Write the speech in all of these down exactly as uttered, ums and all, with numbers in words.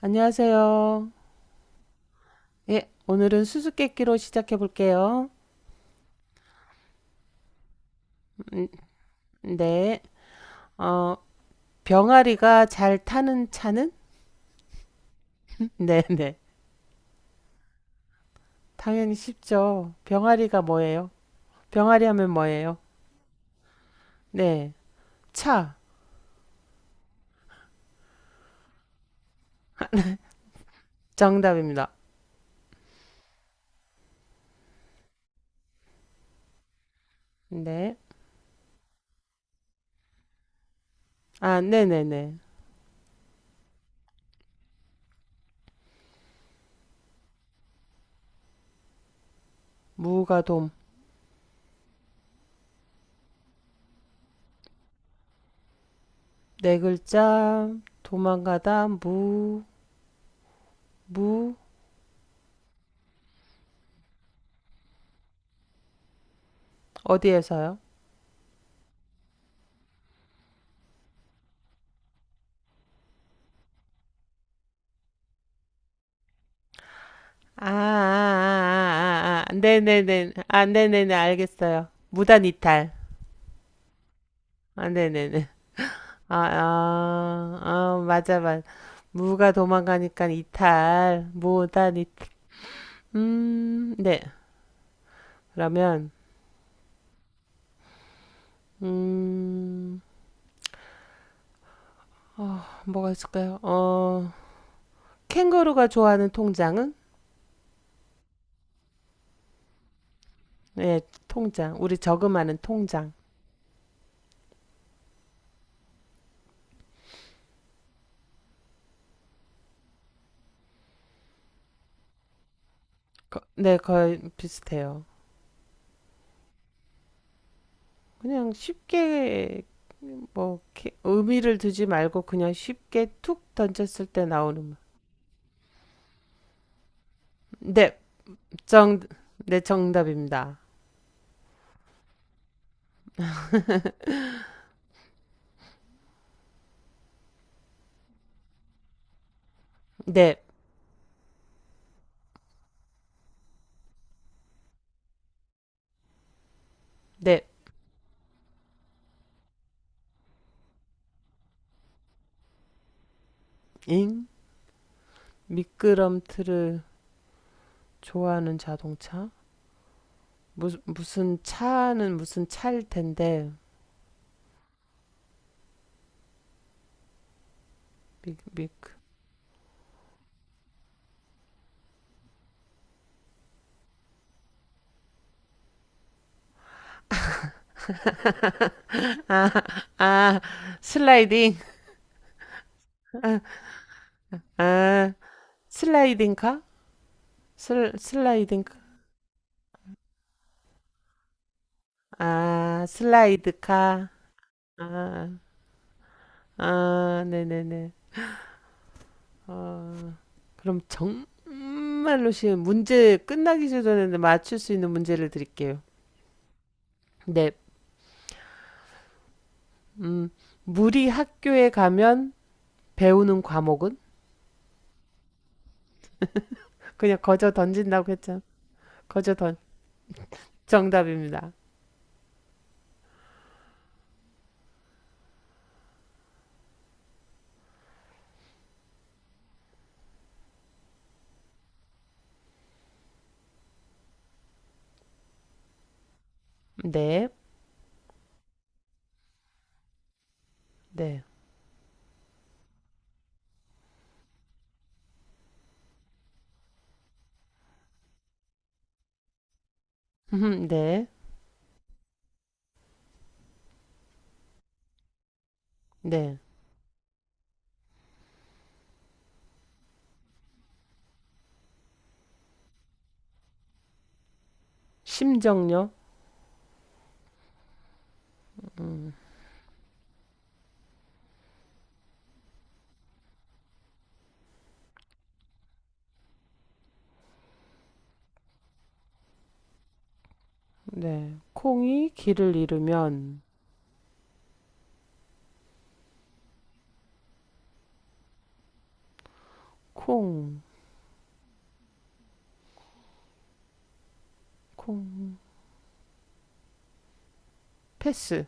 안녕하세요. 예, 오늘은 수수께끼로 시작해 볼게요. 음, 네. 어, 병아리가 잘 타는 차는? 네, 네. 당연히 쉽죠. 병아리가 뭐예요? 병아리 하면 뭐예요? 네. 차. 정답입니다. 네. 아, 네네네. 무가 돔. 네 글자. 도망가다. 무. 무. 어디에서요? 아, 아, 아, 아, 아, 아. 네네네. 아, 네네네. 알겠어요. 무단 이탈. 아, 네네네. 아, 아, 아, 맞아, 맞아. 무가 도망가니까 이탈, 무단 이탈. 음, 네. 그러면, 음, 어, 뭐가 있을까요? 어, 캥거루가 좋아하는 통장은? 네, 통장. 우리 저금하는 통장. 거- 네, 거의 비슷해요. 그냥 쉽게, 뭐, 게- 의미를 두지 말고 그냥 쉽게 툭 던졌을 때 나오는. 말. 네, 정, 네, 정답입니다. 네. 네. 잉? 미끄럼틀을 좋아하는 자동차? 무슨, 무슨 차는 무슨 차일 텐데. 미, 미, 아, 슬라이딩. 아, 아, 슬라이딩카? 슬, 슬라이딩카? 아, 슬라이드카. 아, 아, 네네네. 어, 그럼 정말로 쉬운 문제 끝나기 전에 맞출 수 있는 문제를 드릴게요. 네. 음, 물이 학교에 가면 배우는 과목은? 그냥 거저 던진다고 했죠. 거저 던. 정답입니다. 네, 네, 네, 네. 심정력. 네. 콩이 길을 잃으면 콩, 콩. 패스.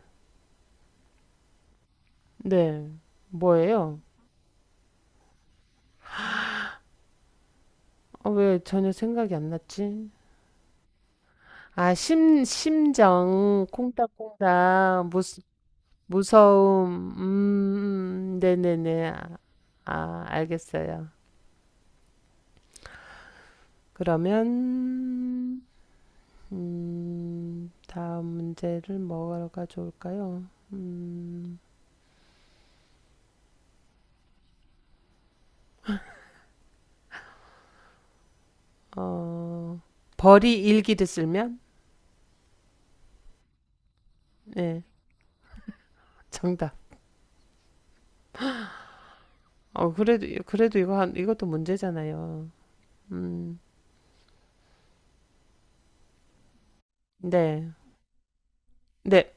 네. 뭐예요? 어, 왜 전혀 생각이 안 났지? 아, 심, 심정, 콩닥콩닥, 무, 무서움, 음, 네네네. 아, 아, 알겠어요. 그러면, 음, 다음 문제를 뭐가 좋을까요? 어, 벌이 일기를 쓸면? 네, 정답. 어, 그래도, 그래도 이거 한, 이것도 문제잖아요. 음, 네. 네,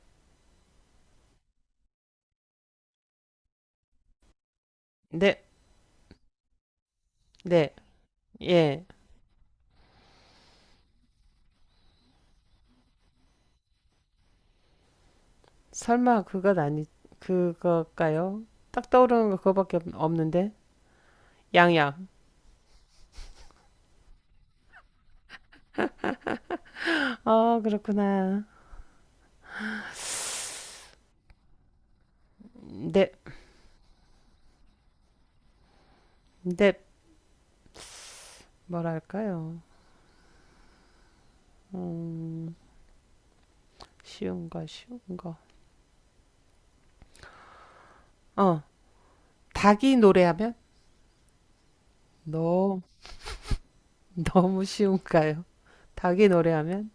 네, 네. 예. 설마 그것 아니, 그거일까요? 딱 떠오르는 거 그거밖에 없- 없는데. 양양. 어, 그렇구나. 네, 네. 뭐랄까요? 음, 쉬운 거, 쉬운 거. 어, 닭이 노래하면? 너, 너무 쉬운가요? 닭이 노래하면?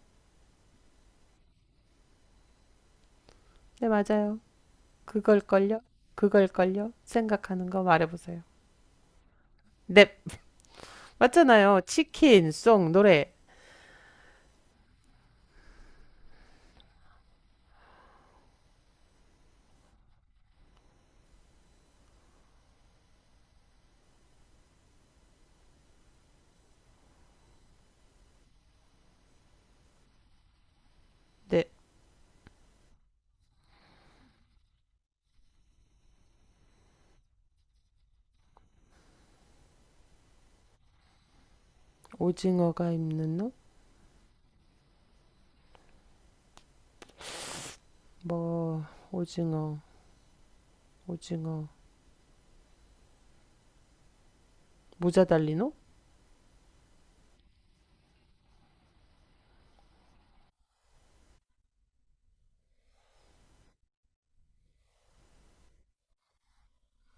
네, 맞아요. 그걸걸요? 그걸걸요? 생각하는 거 말해보세요. 네, 맞잖아요. 치킨, 송, 노래. 네, 오징어가 입는 옷? 뭐, 오징어, 오징어. 모자 달린 옷?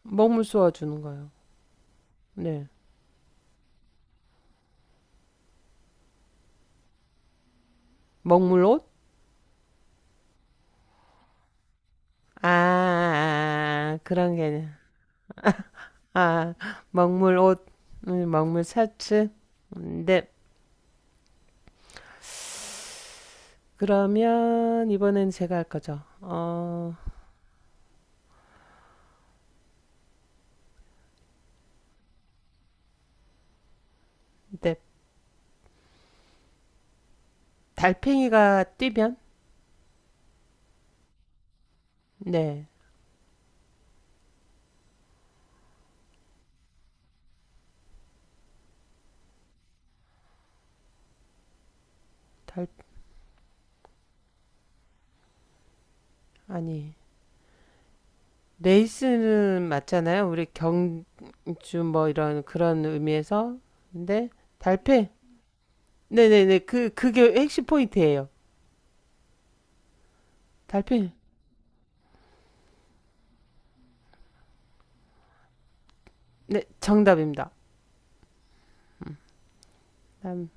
먹물 쏘아주는 거요. 네, 먹물 옷? 아, 아, 아, 그런 개념. 아, 먹물 옷, 음, 먹물 셔츠. 음, 네, 그러면 이번엔 제가 할 거죠. 어, 네. 달팽이가 뛰면? 네. 달, 아니. 레이스는 맞잖아요. 우리 경주 뭐 이런 그런 의미에서. 근데 달팽. 네네네. 그, 그게 핵심 포인트예요. 달팽이. 네. 정답입니다. 음,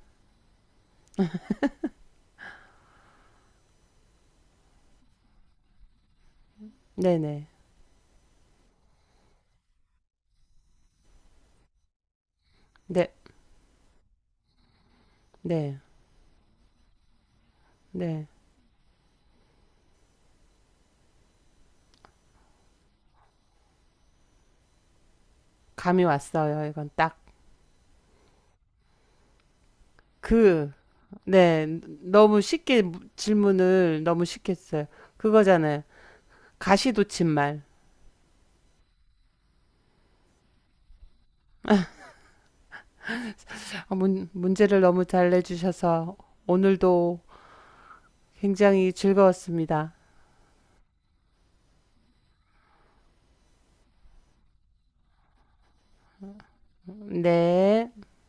네네. 네. 네. 네. 감이 왔어요. 이건 딱. 그, 네, 너무 쉽게 무- 질문을 너무 쉽게 했어요. 그거잖아요. 가시돋친 말. 아, 문, 문제를 너무 잘 내주셔서 오늘도 굉장히 즐거웠습니다. 네.